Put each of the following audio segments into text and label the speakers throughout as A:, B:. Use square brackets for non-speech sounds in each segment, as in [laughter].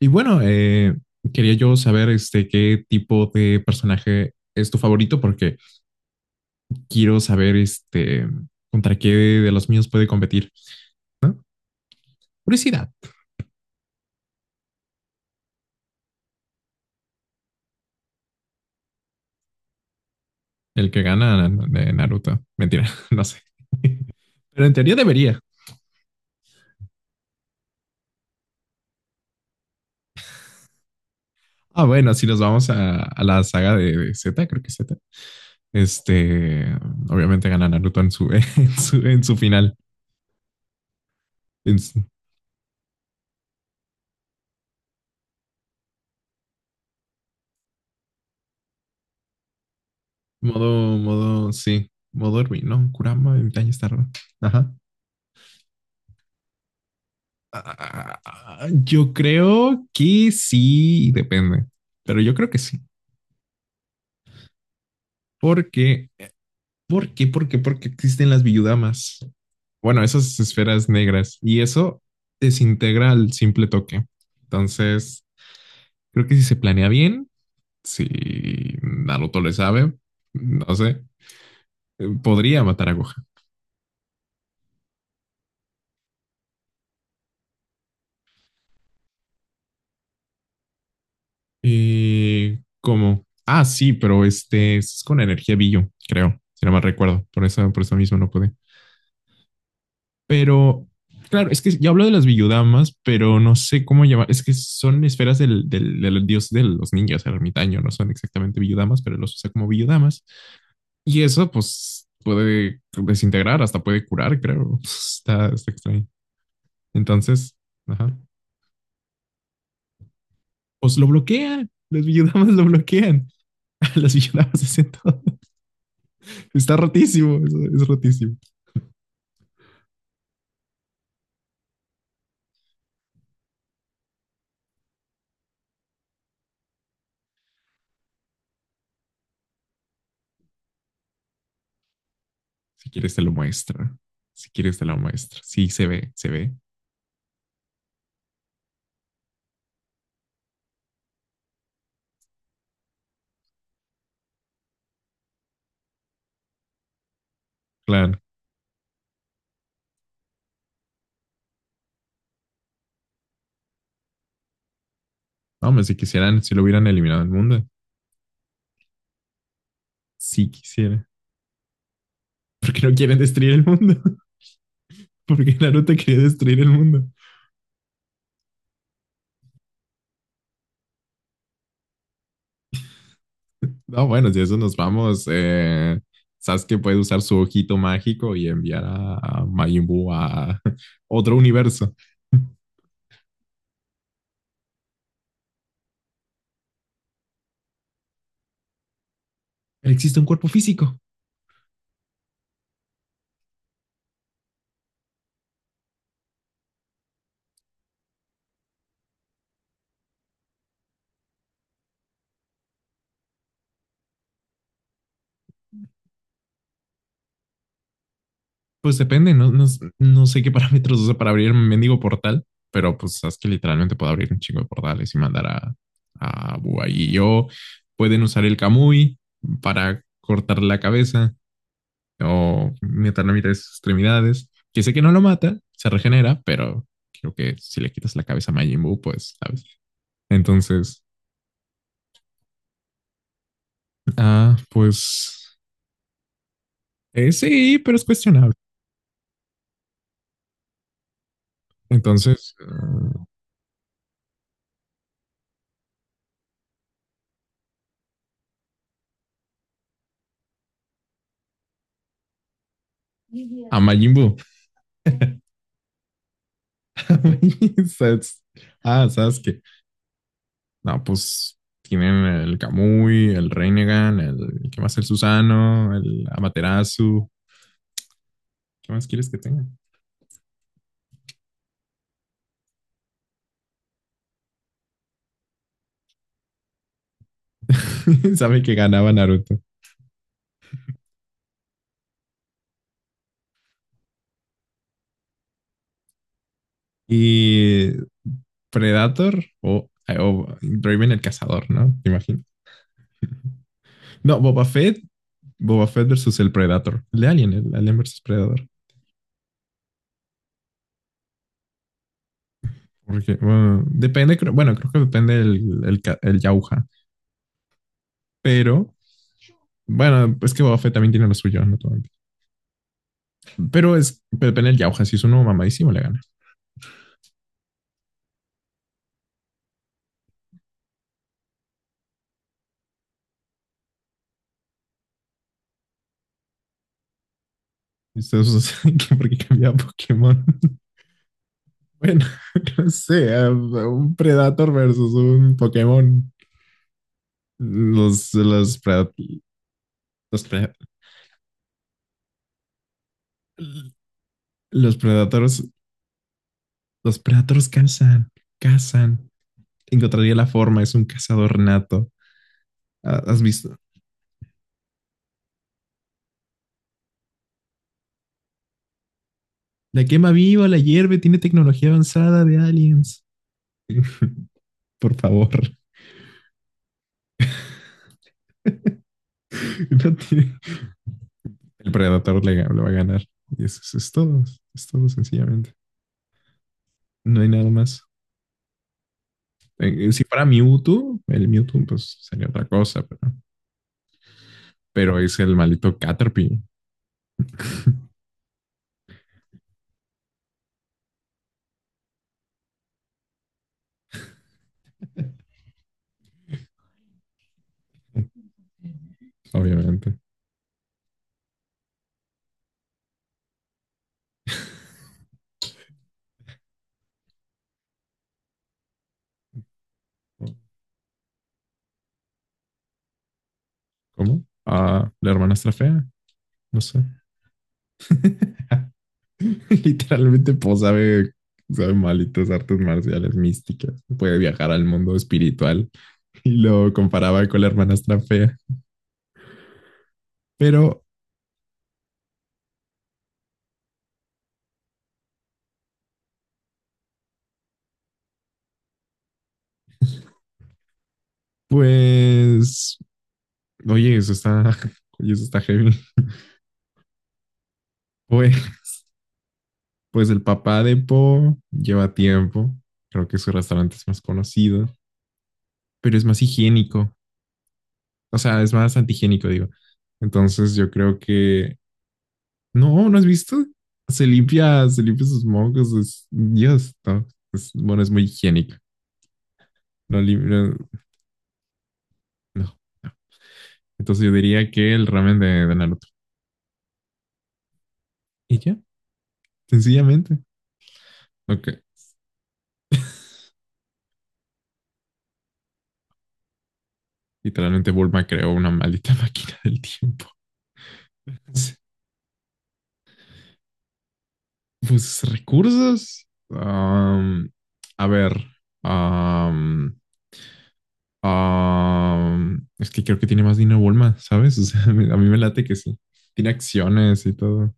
A: Y bueno, quería yo saber qué tipo de personaje es tu favorito, porque quiero saber contra qué de los míos puede competir. Curiosidad. El que gana de Naruto. Mentira, [laughs] no sé. [laughs] Pero en teoría debería. Ah, bueno, si nos vamos a la saga de Z, creo que es Z. Este, obviamente gana Naruto en su, [laughs] en su final. En su- modo, sí. Modo Ruin, ¿no? Kurama, el daño está raro. Ajá. Ah, yo creo que sí, depende, pero yo creo que sí. Porque, porque existen las viudamas. Bueno, esas esferas negras y eso desintegra al simple toque. Entonces, creo que si se planea bien, si Naruto le sabe, no sé, podría matar a Gohan. Y ¿cómo? Ah, sí, pero este es con energía Billo, creo, si no mal recuerdo. Por eso mismo no pude. Pero, claro, es que yo hablo de las villudamas, pero no sé cómo llamar. Es que son esferas del dios de los ninjas, el ermitaño. No son exactamente villudamas, pero los usa como villudamas. Y eso, pues, puede desintegrar, hasta puede curar, creo. [laughs] Está extraño. Entonces, ajá. Pues lo bloquean. Las villudamas lo bloquean. [laughs] Las villudamas hacen todo. [laughs] Está rotísimo. Es rotísimo. Si quieres te lo muestra. Si quieres te lo muestra. Sí, se ve. Claro. No, hombre, si quisieran, si lo hubieran eliminado el mundo. Si quisiera. [laughs] Porque no quieren destruir el mundo. [laughs] Porque Naruto quería destruir el mundo. No, bueno, si eso nos vamos. Sasuke puede usar su ojito mágico y enviar a Majin Buu a otro universo. [laughs] Existe un cuerpo físico. Pues depende, no sé qué [laughs] parámetros usa para abrir un mendigo portal, pero pues sabes que literalmente puedo abrir un chingo de portales y mandar a Bua y yo. Pueden usar el Kamui para cortar la cabeza o meter la mitad de sus extremidades. Que sé que no lo mata, se regenera, pero creo que si le quitas la cabeza a Majin Buu, pues, ¿sabes? Entonces, pues sí, pero es cuestionable. Entonces, a Majin Buu. [laughs] [laughs] Sas- Ah, Sasuke. No, pues tienen el Kamui, el Renegan, el... ¿Qué más? El Susano, el Amaterasu. ¿Qué más quieres que tenga? [laughs] Sabe que ganaba Naruto. Y Predator o Draven el Cazador, ¿no? Te imagino. No, Boba Fett. Boba Fett versus el Predator. El de Alien, el Alien versus Predator. Porque, bueno, depende, creo- bueno, creo que depende el ca- el Yauja. Pero, bueno, es que Boba Fett también tiene lo suyo, ¿no? Todo- Pero es Pepe en el Yauja, si es uno mamadísimo, le gana. Ustedes saben [laughs] que porque cambiaba Pokémon. [laughs] Bueno, no sé, un Predator versus un Pokémon. Los, los, pred, los, pred, los Predators, los Predators cazan, cazan. Encontraría la forma, es un cazador nato. ¿Has visto? La quema viva, la hierve, tiene tecnología avanzada de aliens. [laughs] Por favor, no tiene el Predator le va a ganar. Y eso es todo sencillamente. No hay nada más. Si fuera Mewtwo, el Mewtwo pues sería otra cosa, pero es el maldito Caterpie. [laughs] Obviamente. ¿Cómo? Ah, la hermanastra fea, no sé. [laughs] Literalmente, pues sabe, sabe malitas artes marciales místicas. Puede viajar al mundo espiritual y lo comparaba con la hermanastra fea. Pero, pues, oye, eso está, [laughs] oye, eso está heavy. Pues, pues el papá de Po lleva tiempo. Creo que su restaurante es más conocido, pero es más higiénico. O sea, es más antihigiénico, digo. Entonces yo creo que... No, ¿no has visto? Se limpia sus mocos. Es- Dios, no. Es- bueno, es muy higiénico. No, lim- no, no. Entonces yo diría que el ramen de Naruto. ¿Y ya? Sencillamente. Ok. Literalmente Bulma creó una maldita [laughs] máquina del tiempo. [laughs] Sí. Pues recursos. A ver. am, es que creo que tiene más dinero Bulma, ¿sabes? O sea, [laughs] a mí me late que sí. Tiene acciones y todo.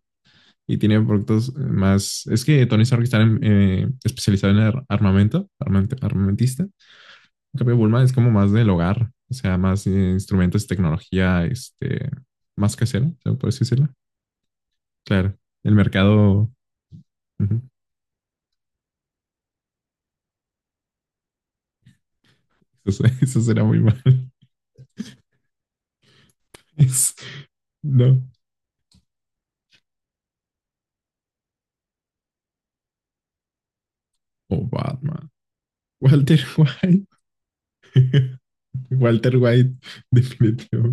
A: Y tiene productos más. Es que Tony Stark está en- especializado en ar- armamento, armament- armamentista. En cambio, Bulma es como más del hogar. O sea, más instrumentos, tecnología, más casera, ¿se puede decirlo? Claro. El mercado. [laughs] ujú. Eso, se- [laughs] eso será muy mal. Es- no. O Batman. Walter White. [laughs] Walter White, definitivo.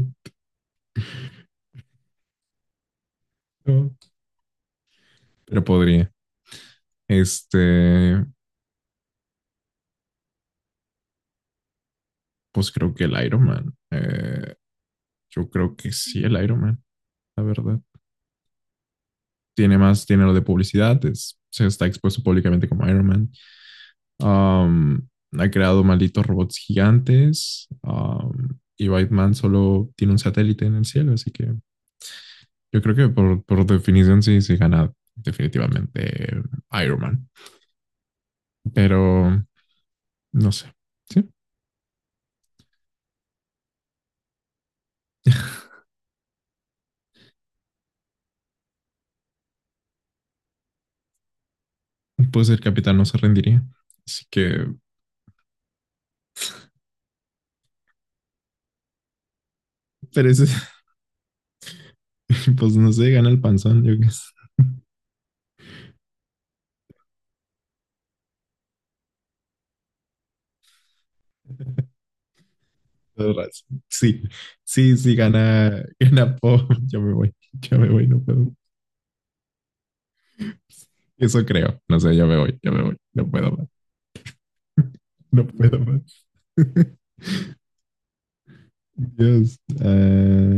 A: No. Pero podría. Este, pues creo que el Iron Man. Yo creo que sí, el Iron Man, la verdad. Tiene más dinero de publicidad, es- se está expuesto públicamente como Iron Man. Am, ha creado malditos robots gigantes. Y Batman solo tiene un satélite en el cielo, así que yo creo que por definición sí, sí gana definitivamente Iron Man. Pero no sé. Sí, pues el capitán no se rendiría. Así que, pero ese- [laughs] pues no sé, gana el panzón. Yo qué sé. Todo raro. Sí, sí, gana, gana Poe. [laughs] Yo me voy, no puedo. Eso creo. No sé, yo me voy, yo me voy. No puedo más, no puedo más. [laughs] Dios. Ah,